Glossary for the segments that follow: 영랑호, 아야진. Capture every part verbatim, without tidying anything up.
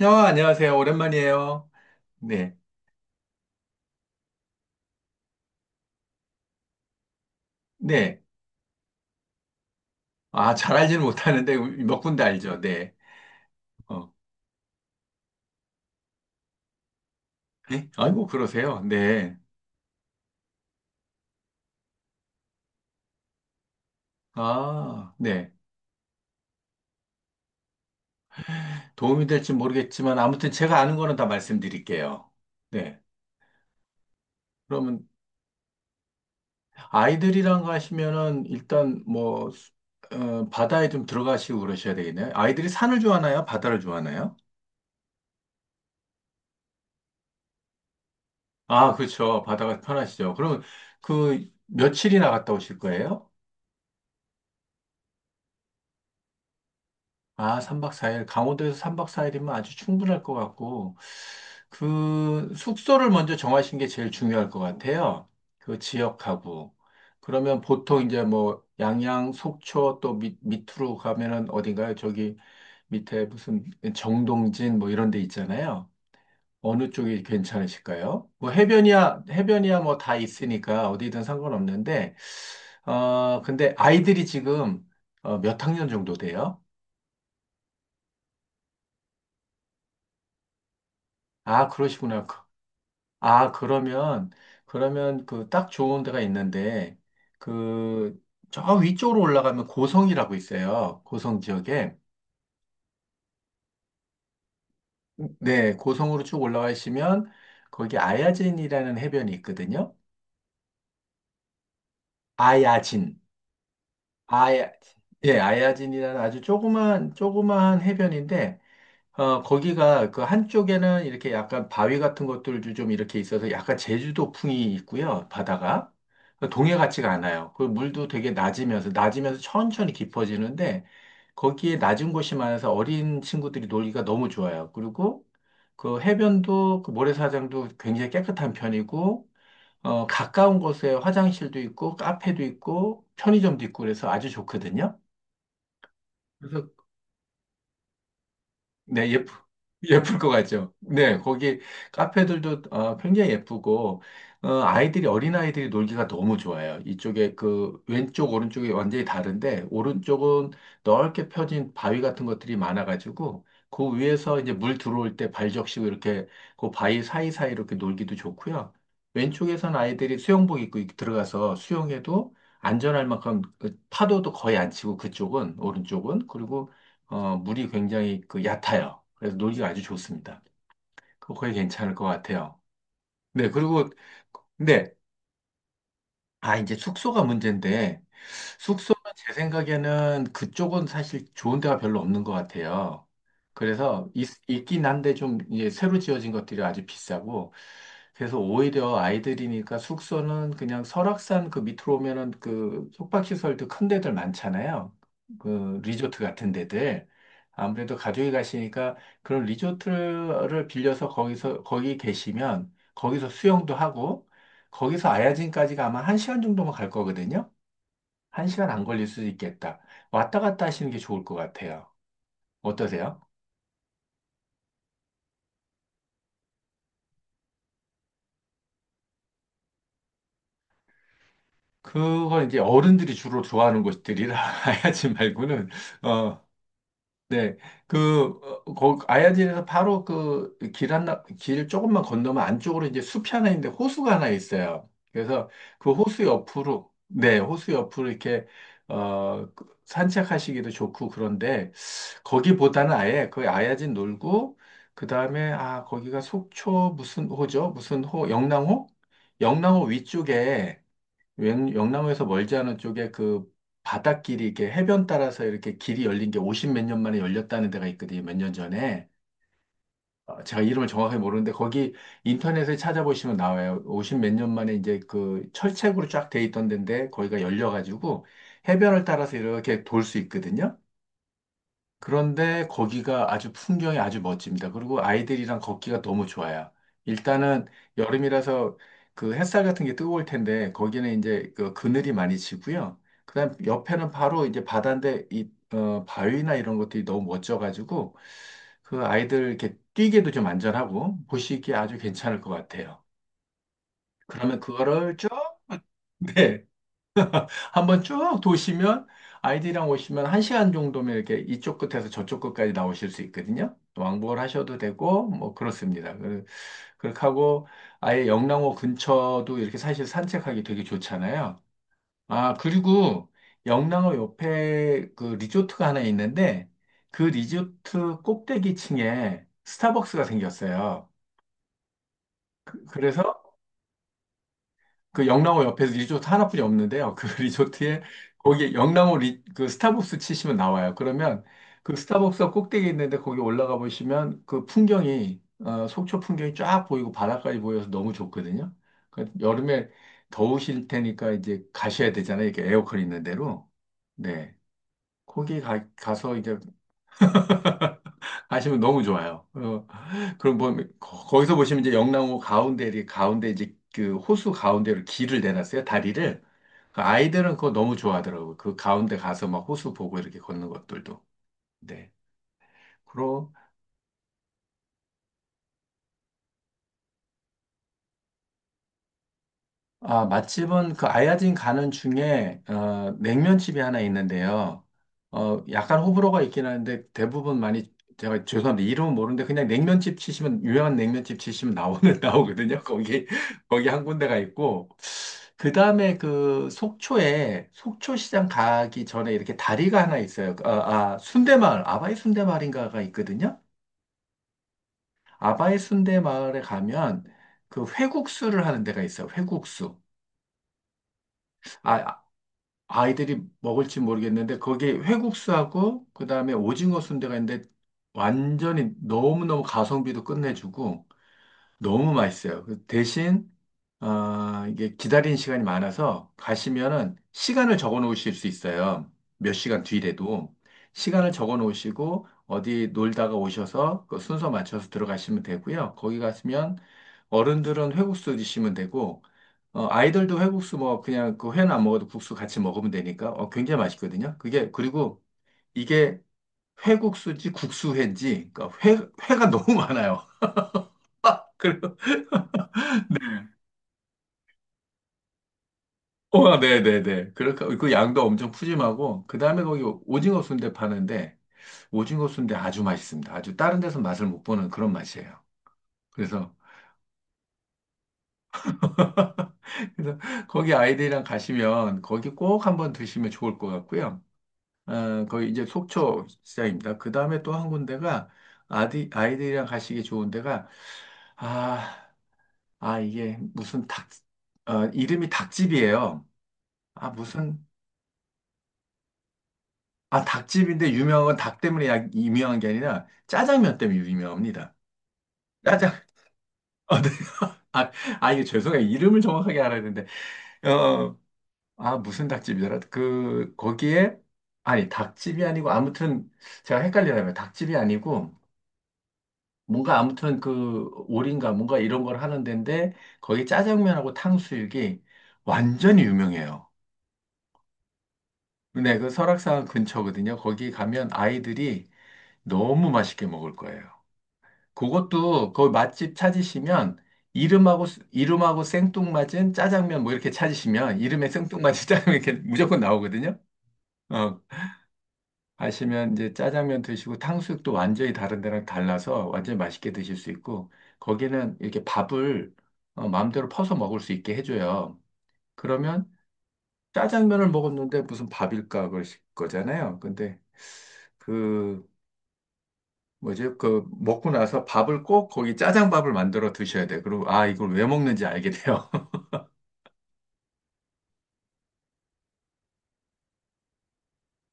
아, 안녕하세요. 오랜만이에요. 네. 네. 아, 잘 알지는 못하는데 몇 군데 알죠. 네. 어. 네? 아이고, 그러세요. 네. 아, 네. 도움이 될지 모르겠지만 아무튼 제가 아는 거는 다 말씀드릴게요. 네. 그러면 아이들이랑 가시면은 일단 뭐 수- 어, 바다에 좀 들어가시고 그러셔야 되겠네요. 아이들이 산을 좋아하나요? 바다를 좋아하나요? 아, 그렇죠. 바다가 편하시죠. 그러면 그 며칠이나 갔다 오실 거예요? 아, 삼 박 사 일. 강원도에서 삼 박 사 일이면 아주 충분할 것 같고, 그, 숙소를 먼저 정하신 게 제일 중요할 것 같아요. 그 지역하고. 그러면 보통 이제 뭐, 양양, 속초 또 밑, 밑으로 가면은 어딘가요? 저기 밑에 무슨 정동진 뭐 이런 데 있잖아요. 어느 쪽이 괜찮으실까요? 뭐 해변이야, 해변이야 뭐 다 있으니까 어디든 상관없는데, 어, 근데 아이들이 지금 어, 몇 학년 정도 돼요? 아, 그러시구나. 그 아, 그러면, 그러면 그 딱 좋은 데가 있는데, 그, 저 위쪽으로 올라가면 고성이라고 있어요. 고성 지역에. 네, 고성으로 쭉 올라가시면, 거기 아야진이라는 해변이 있거든요. 아야진. 아야, 예, 아야진이라는 아주 조그만, 조그만 해변인데, 어, 거기가 그 한쪽에는 이렇게 약간 바위 같은 것들도 좀 이렇게 있어서 약간 제주도풍이 있고요, 바다가. 그 동해 같지가 않아요. 그 물도 되게 낮으면서, 낮으면서 천천히 깊어지는데, 거기에 낮은 곳이 많아서 어린 친구들이 놀기가 너무 좋아요. 그리고 그 해변도, 그 모래사장도 굉장히 깨끗한 편이고, 어, 가까운 곳에 화장실도 있고, 카페도 있고, 편의점도 있고, 그래서 아주 좋거든요. 그래서 네, 예쁘, 예쁠 것 같죠. 네, 거기 카페들도 어, 굉장히 예쁘고, 어, 아이들이, 어린아이들이 놀기가 너무 좋아요. 이쪽에 그 왼쪽, 오른쪽이 완전히 다른데, 오른쪽은 넓게 펴진 바위 같은 것들이 많아가지고, 그 위에서 이제 물 들어올 때 발적시고 이렇게 그 바위 사이사이 이렇게 놀기도 좋고요. 왼쪽에선 아이들이 수영복 입고 들어가서 수영해도 안전할 만큼 그 파도도 거의 안 치고 그쪽은, 오른쪽은. 그리고 어, 물이 굉장히 그 얕아요. 그래서 놀기가 아주 좋습니다. 그거 거의 괜찮을 것 같아요. 네, 그리고, 네, 아, 이제 숙소가 문제인데, 숙소는 제 생각에는 그쪽은 사실 좋은 데가 별로 없는 것 같아요. 그래서 있, 있긴 한데 좀 이제 새로 지어진 것들이 아주 비싸고, 그래서 오히려 아이들이니까 숙소는 그냥 설악산 그 밑으로 오면은 그 숙박시설도 큰 데들 많잖아요. 그 리조트 같은 데들. 아무래도 가족이 가시니까 그런 리조트를 빌려서 거기서, 거기 계시면 거기서 수영도 하고, 거기서 아야진까지가 아마 한 시간 정도만 갈 거거든요. 한 시간 안 걸릴 수도 있겠다. 왔다 갔다 하시는 게 좋을 것 같아요. 어떠세요? 그건 이제 어른들이 주로 좋아하는 곳들이라 아야진 말고는 어, 네, 그, 어, 거, 아야진에서 바로 그 길 하나, 길 조금만 건너면 안쪽으로 이제 숲이 하나 있는데 호수가 하나 있어요. 그래서 그 호수 옆으로, 네, 호수 옆으로 이렇게, 어, 그 산책하시기도 좋고 그런데 거기보다는 아예 그 아야진 놀고, 그 다음에, 아, 거기가 속초 무슨 호죠? 무슨 호, 영랑호? 영랑호 위쪽에 영- 영남에서 멀지 않은 쪽에 그 바닷길이 이렇게 해변 따라서 이렇게 길이 열린 게 오십 몇 년 만에 열렸다는 데가 있거든요. 몇 년 전에. 어, 제가 이름을 정확하게 모르는데 거기 인터넷에 찾아보시면 나와요. 오십 몇 년 만에 이제 그 철책으로 쫙 돼 있던 데인데 거기가 열려가지고 해변을 따라서 이렇게 돌 수 있거든요. 그런데 거기가 아주 풍경이 아주 멋집니다. 그리고 아이들이랑 걷기가 너무 좋아요. 일단은 여름이라서 그 햇살 같은 게 뜨거울 텐데 거기는 이제 그 그늘이 많이 지고요. 그다음 옆에는 바로 이제 바다인데 이 어, 바위나 이런 것들이 너무 멋져가지고 그 아이들 이렇게 뛰기도 좀 안전하고 보시기에 아주 괜찮을 것 같아요. 그러면 그거를 쭉 네. 한번 쭉 도시면 아이들이랑 오시면 한 시간 정도면 이렇게 이쪽 끝에서 저쪽 끝까지 나오실 수 있거든요. 왕복을 하셔도 되고 뭐 그렇습니다. 그- 그렇게 하고 아예 영랑호 근처도 이렇게 사실 산책하기 되게 좋잖아요. 아, 그리고 영랑호 옆에 그 리조트가 하나 있는데 그 리조트 꼭대기층에 스타벅스가 생겼어요. 그- 그래서 그 영랑호 옆에서 리조트 하나뿐이 없는데요. 그 리조트에 거기 영랑호 리, 그 스타벅스 치시면 나와요. 그러면 그 스타벅스 꼭대기 있는데 거기 올라가 보시면 그 풍경이 어, 속초 풍경이 쫙 보이고 바다까지 보여서 너무 좋거든요. 그 여름에 더우실 테니까 이제 가셔야 되잖아요. 이렇게 에어컨 있는 데로. 네. 거기 가, 가서 이제 하시면 너무 좋아요. 어, 그럼 보면 거- 거기서 보시면 이제 영랑호 가운데 이렇게 가운데 이제 그 호수 가운데로 길을 내놨어요. 다리를. 그 아이들은 그거 너무 좋아하더라고요. 그 가운데 가서 막 호수 보고 이렇게 걷는 것들도. 네. 그리고 아, 맛집은 그 아야진 가는 중에 어, 냉면집이 하나 있는데요. 어, 약간 호불호가 있긴 하는데 대부분 많이 제가 죄송합니다. 이름은 모르는데 그냥 냉면집 치시면 유명한 냉면집 치시면 나오는 나오거든요. 거기 거기 한 군데가 있고 그 다음에 그 속초에 속초시장 가기 전에 이렇게 다리가 하나 있어요. 그, 아, 아, 순대마을, 아바이 순대마을인가가 있거든요. 아바이 순대마을에 가면 그 회국수를 하는 데가 있어요. 회국수. 아, 아, 아이들이 먹을지 모르겠는데 거기 회국수하고 그 다음에 오징어 순대가 있는데 완전히 너무너무 가성비도 끝내주고 너무 맛있어요. 그 대신 어, 이게 기다리는 시간이 많아서 가시면은 시간을 적어 놓으실 수 있어요. 몇 시간 뒤래도 시간을 적어 놓으시고 어디 놀다가 오셔서 그 순서 맞춰서 들어가시면 되고요. 거기 가시면 어른들은 회국수 드시면 되고 어, 아이들도 회국수 뭐 그냥 그 회는 안 먹어도 국수 같이 먹으면 되니까 어, 굉장히 맛있거든요. 그게 그리고 이게 회국수지 국수회인지 그러니까 회 회가 너무 많아요. 어, 네네네. 그니까 그 양도 엄청 푸짐하고, 그 다음에 거기 오징어 순대 파는데, 오징어 순대 아주 맛있습니다. 아주 다른 데서 맛을 못 보는 그런 맛이에요. 그래서, 그래서 거기 아이들이랑 가시면, 거기 꼭 한번 드시면 좋을 것 같고요. 어, 거기 이제 속초 시장입니다. 그 다음에 또 한 군데가, 아디, 아이들이랑 가시기 좋은 데가, 아, 아, 이게 무슨 닭, 어, 이름이 닭집이에요. 아, 무슨 아, 닭집인데 유명한 건 닭 때문에 야- 유명한 게 아니라 짜장면 때문에 유명합니다. 짜장, 어, 네. 아, 아, 이게 죄송해요. 이름을 정확하게 알아야 되는데, 어, 어. 아, 무슨 닭집이더라? 그, 거기에, 아니, 닭집이 아니고, 아무튼, 제가 헷갈리라면 닭집이 아니고, 뭔가 아무튼 그, 오리인가 뭔가 이런 걸 하는 데인데, 거기 짜장면하고 탕수육이 완전히 유명해요. 근데 그 설악산 근처거든요. 거기 가면 아이들이 너무 맛있게 먹을 거예요. 그것도 거기 맛집 찾으시면 이름하고 스- 이름하고 생뚱맞은 짜장면 뭐 이렇게 찾으시면 이름에 생뚱맞은 짜장면 이렇게 무조건 나오거든요. 어, 가시면 이제 짜장면 드시고 탕수육도 완전히 다른 데랑 달라서 완전히 맛있게 드실 수 있고 거기는 이렇게 밥을 어, 마음대로 퍼서 먹을 수 있게 해줘요. 그러면 짜장면을 먹었는데 무슨 밥일까 그러실 거잖아요. 근데 그 뭐지? 그 먹고 나서 밥을 꼭 거기 짜장밥을 만들어 드셔야 돼. 그리고 아 이걸 왜 먹는지 알게 돼요.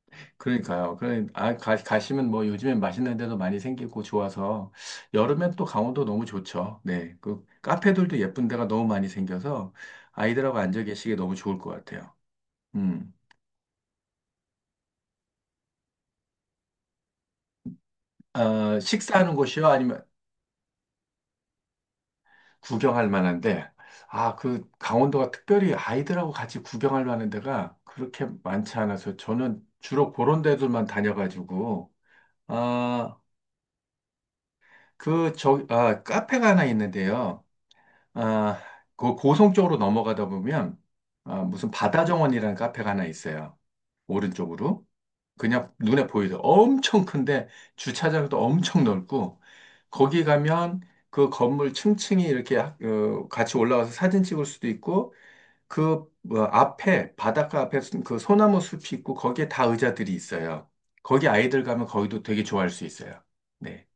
그러니까요. 그러니 아 가, 가시면 뭐 요즘엔 맛있는 데도 많이 생기고 좋아서 여름엔 또 강원도 너무 좋죠. 네. 그 카페들도 예쁜 데가 너무 많이 생겨서 아이들하고 앉아 계시기 너무 좋을 것 같아요. 음. 어, 식사하는 곳이요? 아니면 구경할 만한데 아 그 강원도가 특별히 아이들하고 같이 구경할 만한 데가 그렇게 많지 않아서 저는 주로 그런 데들만 다녀가지고 아, 그, 저, 아, 카페가 하나 있는데요. 아, 그 고성 쪽으로 넘어가다 보면, 아, 무슨 바다정원이라는 카페가 하나 있어요. 오른쪽으로. 그냥 눈에 보이죠. 엄청 큰데, 주차장도 엄청 넓고, 거기 가면 그 건물 층층이 이렇게 하- 어, 같이 올라와서 사진 찍을 수도 있고, 그 뭐, 앞에, 바닷가 앞에 수- 그 소나무 숲이 있고, 거기에 다 의자들이 있어요. 거기 아이들 가면 거기도 되게 좋아할 수 있어요. 네.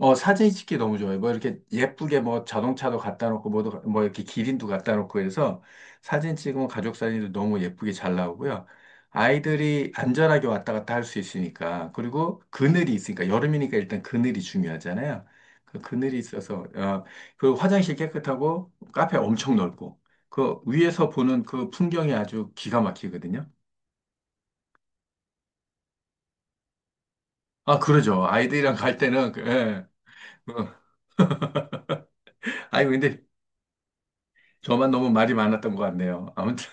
어, 사진 찍기 너무 좋아요. 뭐 이렇게 예쁘게 뭐 자동차도 갖다 놓고 뭐도 뭐 이렇게 기린도 갖다 놓고 해서 사진 찍으면 가족 사진도 너무 예쁘게 잘 나오고요. 아이들이 안전하게 왔다 갔다 할 수 있으니까 그리고 그늘이 있으니까 여름이니까 일단 그늘이 중요하잖아요. 그 그늘이 있어서 어, 그 화장실 깨끗하고 카페 엄청 넓고 그 위에서 보는 그 풍경이 아주 기가 막히거든요. 아, 그러죠. 아이들이랑 갈 때는 그, 예. 어. 아니 근데 저만 너무 말이 많았던 것 같네요. 아무튼.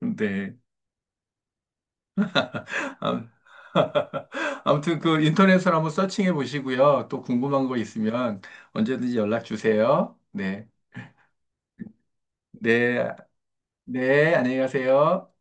네. 아, 아무튼 그 인터넷으로 한번 서칭해 보시고요. 또 궁금한 거 있으면 언제든지 연락 주세요. 네. 네. 네. 안녕히 가세요.